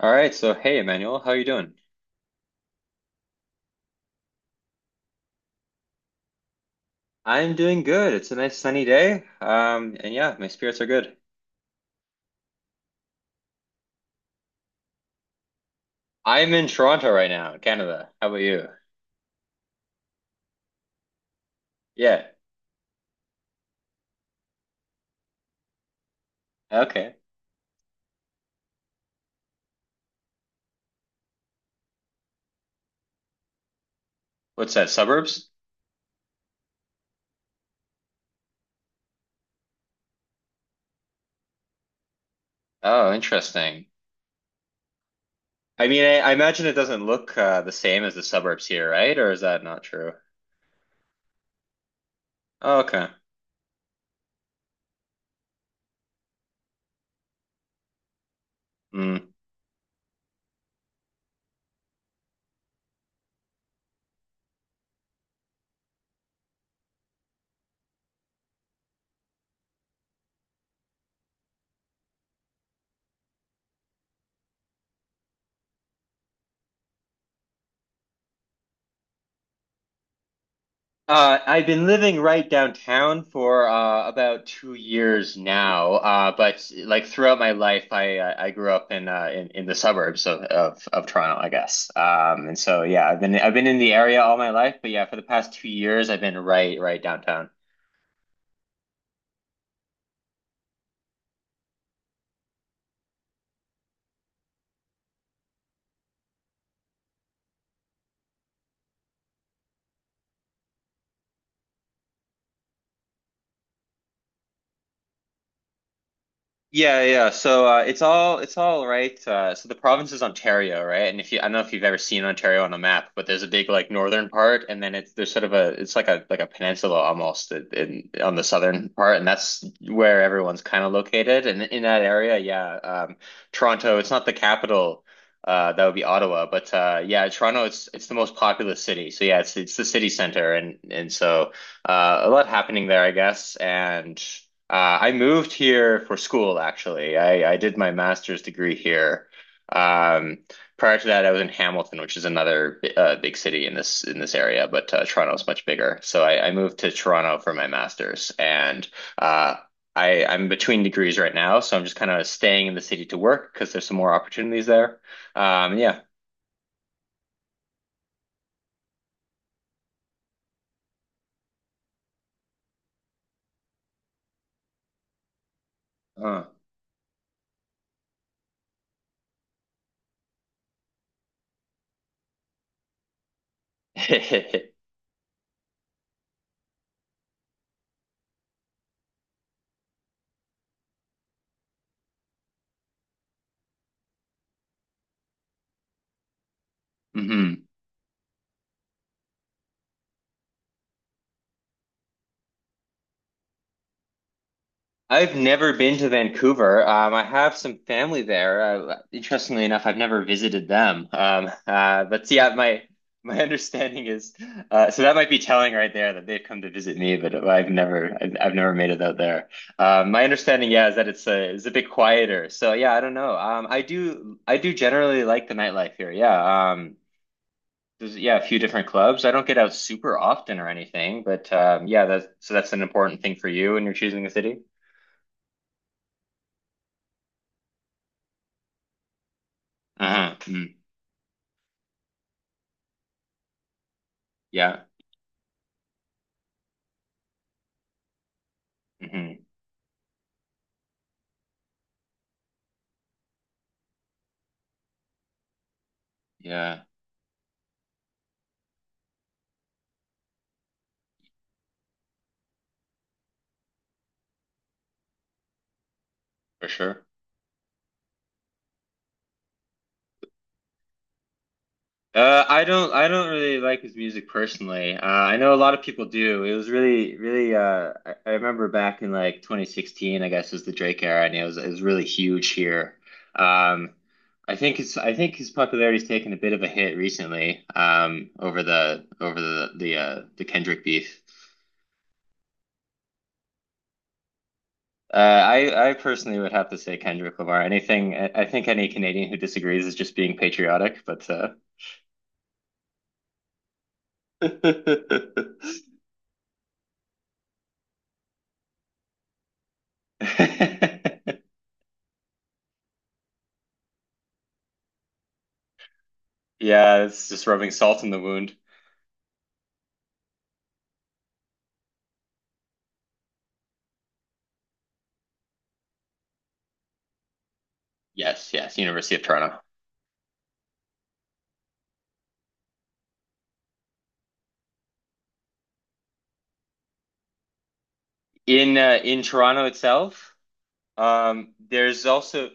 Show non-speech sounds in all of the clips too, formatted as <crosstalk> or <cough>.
All right, so hey Emmanuel, how are you doing? I'm doing good. It's a nice sunny day. And yeah, my spirits are good. I'm in Toronto right now, Canada. How about you? Yeah. Okay. What's that, suburbs? Oh, interesting. I mean, I imagine it doesn't look the same as the suburbs here, right? Or is that not true? Oh, okay. I've been living right downtown for about 2 years now, but like throughout my life, I grew up in the suburbs of, of Toronto, I guess. And so yeah, I've been in the area all my life, but yeah, for the past 2 years, I've been right downtown. Yeah, yeah. So it's all right. So the province is Ontario, right? And if you, I don't know if you've ever seen Ontario on a map, but there's a big like northern part, and then it's there's sort of a it's like a peninsula almost in, on the southern part, and that's where everyone's kind of located. And in that area, yeah, Toronto. It's not the capital. That would be Ottawa, but yeah, Toronto. It's the most populous city. So yeah, it's the city center, and so a lot happening there, I guess, and. I moved here for school, actually. I did my master's degree here. Um, Prior to that, I was in Hamilton, which is another big city in this area, but Toronto is much bigger. So I moved to Toronto for my master's, and uh, I'm between degrees right now, so I'm just kind of staying in the city to work because there's some more opportunities there. Yeah. Uh. <laughs> hmm I've never been to Vancouver. I have some family there. Interestingly enough, I've never visited them. But yeah, my <laughs> understanding is so that might be telling right there that they've come to visit me, but I've never made it out there. My understanding, yeah, is that it's a bit quieter. So yeah, I don't know. I do generally like the nightlife here. Yeah. There's yeah a few different clubs. I don't get out super often or anything, but yeah, that's so that's an important thing for you when you're choosing a city. Uh-huh. Yeah. hmm Yeah, for sure. I don't really like his music personally. I know a lot of people do. It was really really I remember back in like 2016, I guess was the Drake era and it was really huge here. Um I think it's I think his popularity's taken a bit of a hit recently over the the the Kendrick beef. I personally would have to say Kendrick Lamar. Anything I think any Canadian who disagrees is just being patriotic, but <laughs> yeah, it's just rubbing salt in the wound. Yes, yes, University of Toronto. In Toronto itself, there's also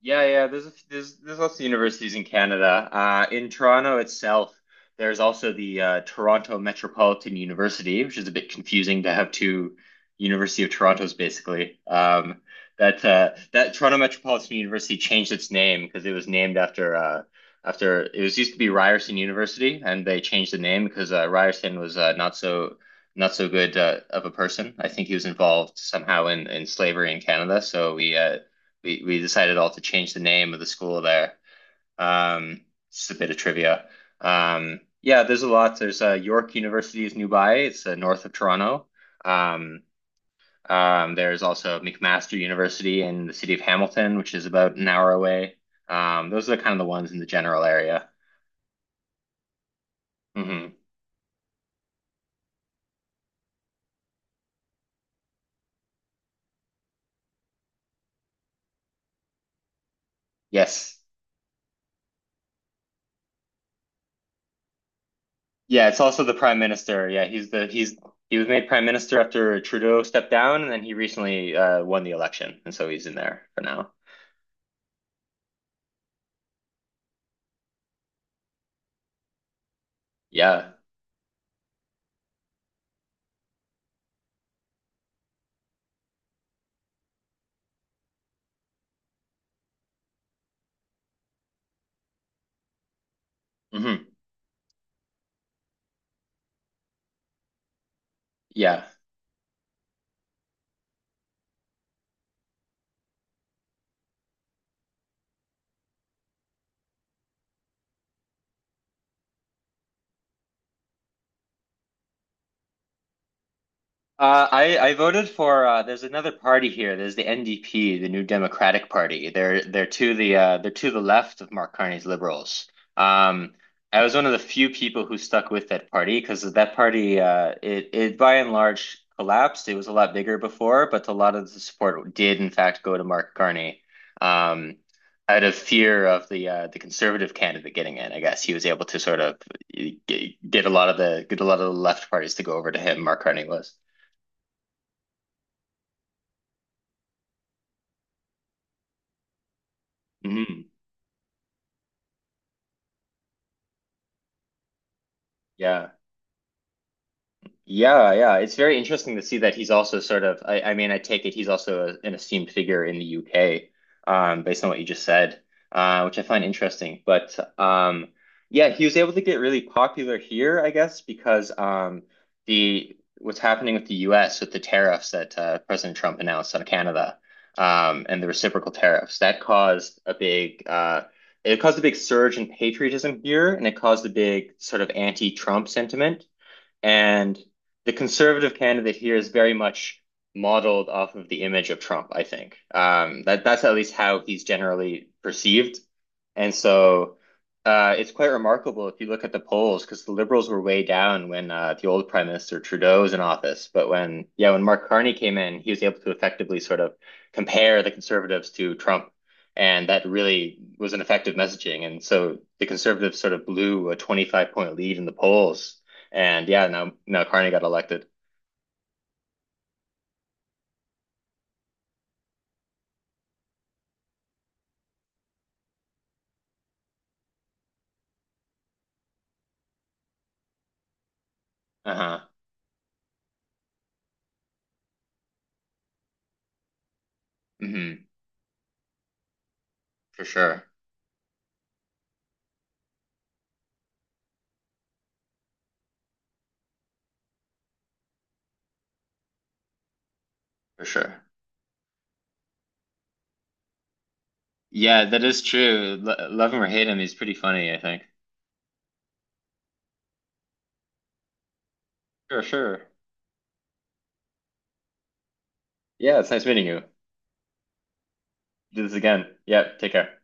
yeah, yeah. There's there's lots of universities in Canada. In Toronto itself, there's also the Toronto Metropolitan University, which is a bit confusing to have two University of Torontos basically. That Toronto Metropolitan University changed its name because it was named after after it was used to be Ryerson University, and they changed the name because Ryerson was not so not so good of a person. I think he was involved somehow in slavery in Canada, so we decided all to change the name of the school there. Um, just a bit of trivia. Yeah, there's a lot. There's York University is nearby. It's north of Toronto. Um, there's also McMaster University in the city of Hamilton, which is about an hour away. Those are kind of the ones in the general area. hmm Yes. Yeah, it's also the prime minister. Yeah, he's he was made prime minister after Trudeau stepped down, and then he recently won the election, and so he's in there for now. Yeah. hmm yeah I voted for there's another party here. There's the NDP, the New Democratic Party. They're to the they're to the left of Mark Carney's Liberals. Um, I was one of the few people who stuck with that party because that party it it by and large collapsed. It was a lot bigger before, but a lot of the support did in fact go to Mark Carney. Um, Out of fear of the conservative candidate getting in, I guess he was able to sort of get a lot of the get a lot of the left parties to go over to him. Mark Carney was. hmm Yeah. Yeah, yeah. It's very interesting to see that he's also sort of I mean, I take it he's also a, an esteemed figure in the UK, based on what you just said, which I find interesting. But yeah, he was able to get really popular here, I guess, because the what's happening with the US with the tariffs that President Trump announced on Canada, and the reciprocal tariffs, that caused a big it caused a big surge in patriotism here, and it caused a big sort of anti-Trump sentiment. And the conservative candidate here is very much modeled off of the image of Trump, I think. That that's at least how he's generally perceived. And so it's quite remarkable if you look at the polls, because the liberals were way down when the old Prime Minister Trudeau was in office. But when, yeah, when Mark Carney came in, he was able to effectively sort of compare the conservatives to Trump. And that really was an effective messaging. And so the conservatives sort of blew a 25 point lead in the polls and yeah, no, no, Carney got elected. Uh-huh. hmm For sure. For sure. Yeah, that is true. L love him or hate him, he's pretty funny, I think. Sure, sure. Yeah, it's nice meeting you. Do this again. Yeah, take care.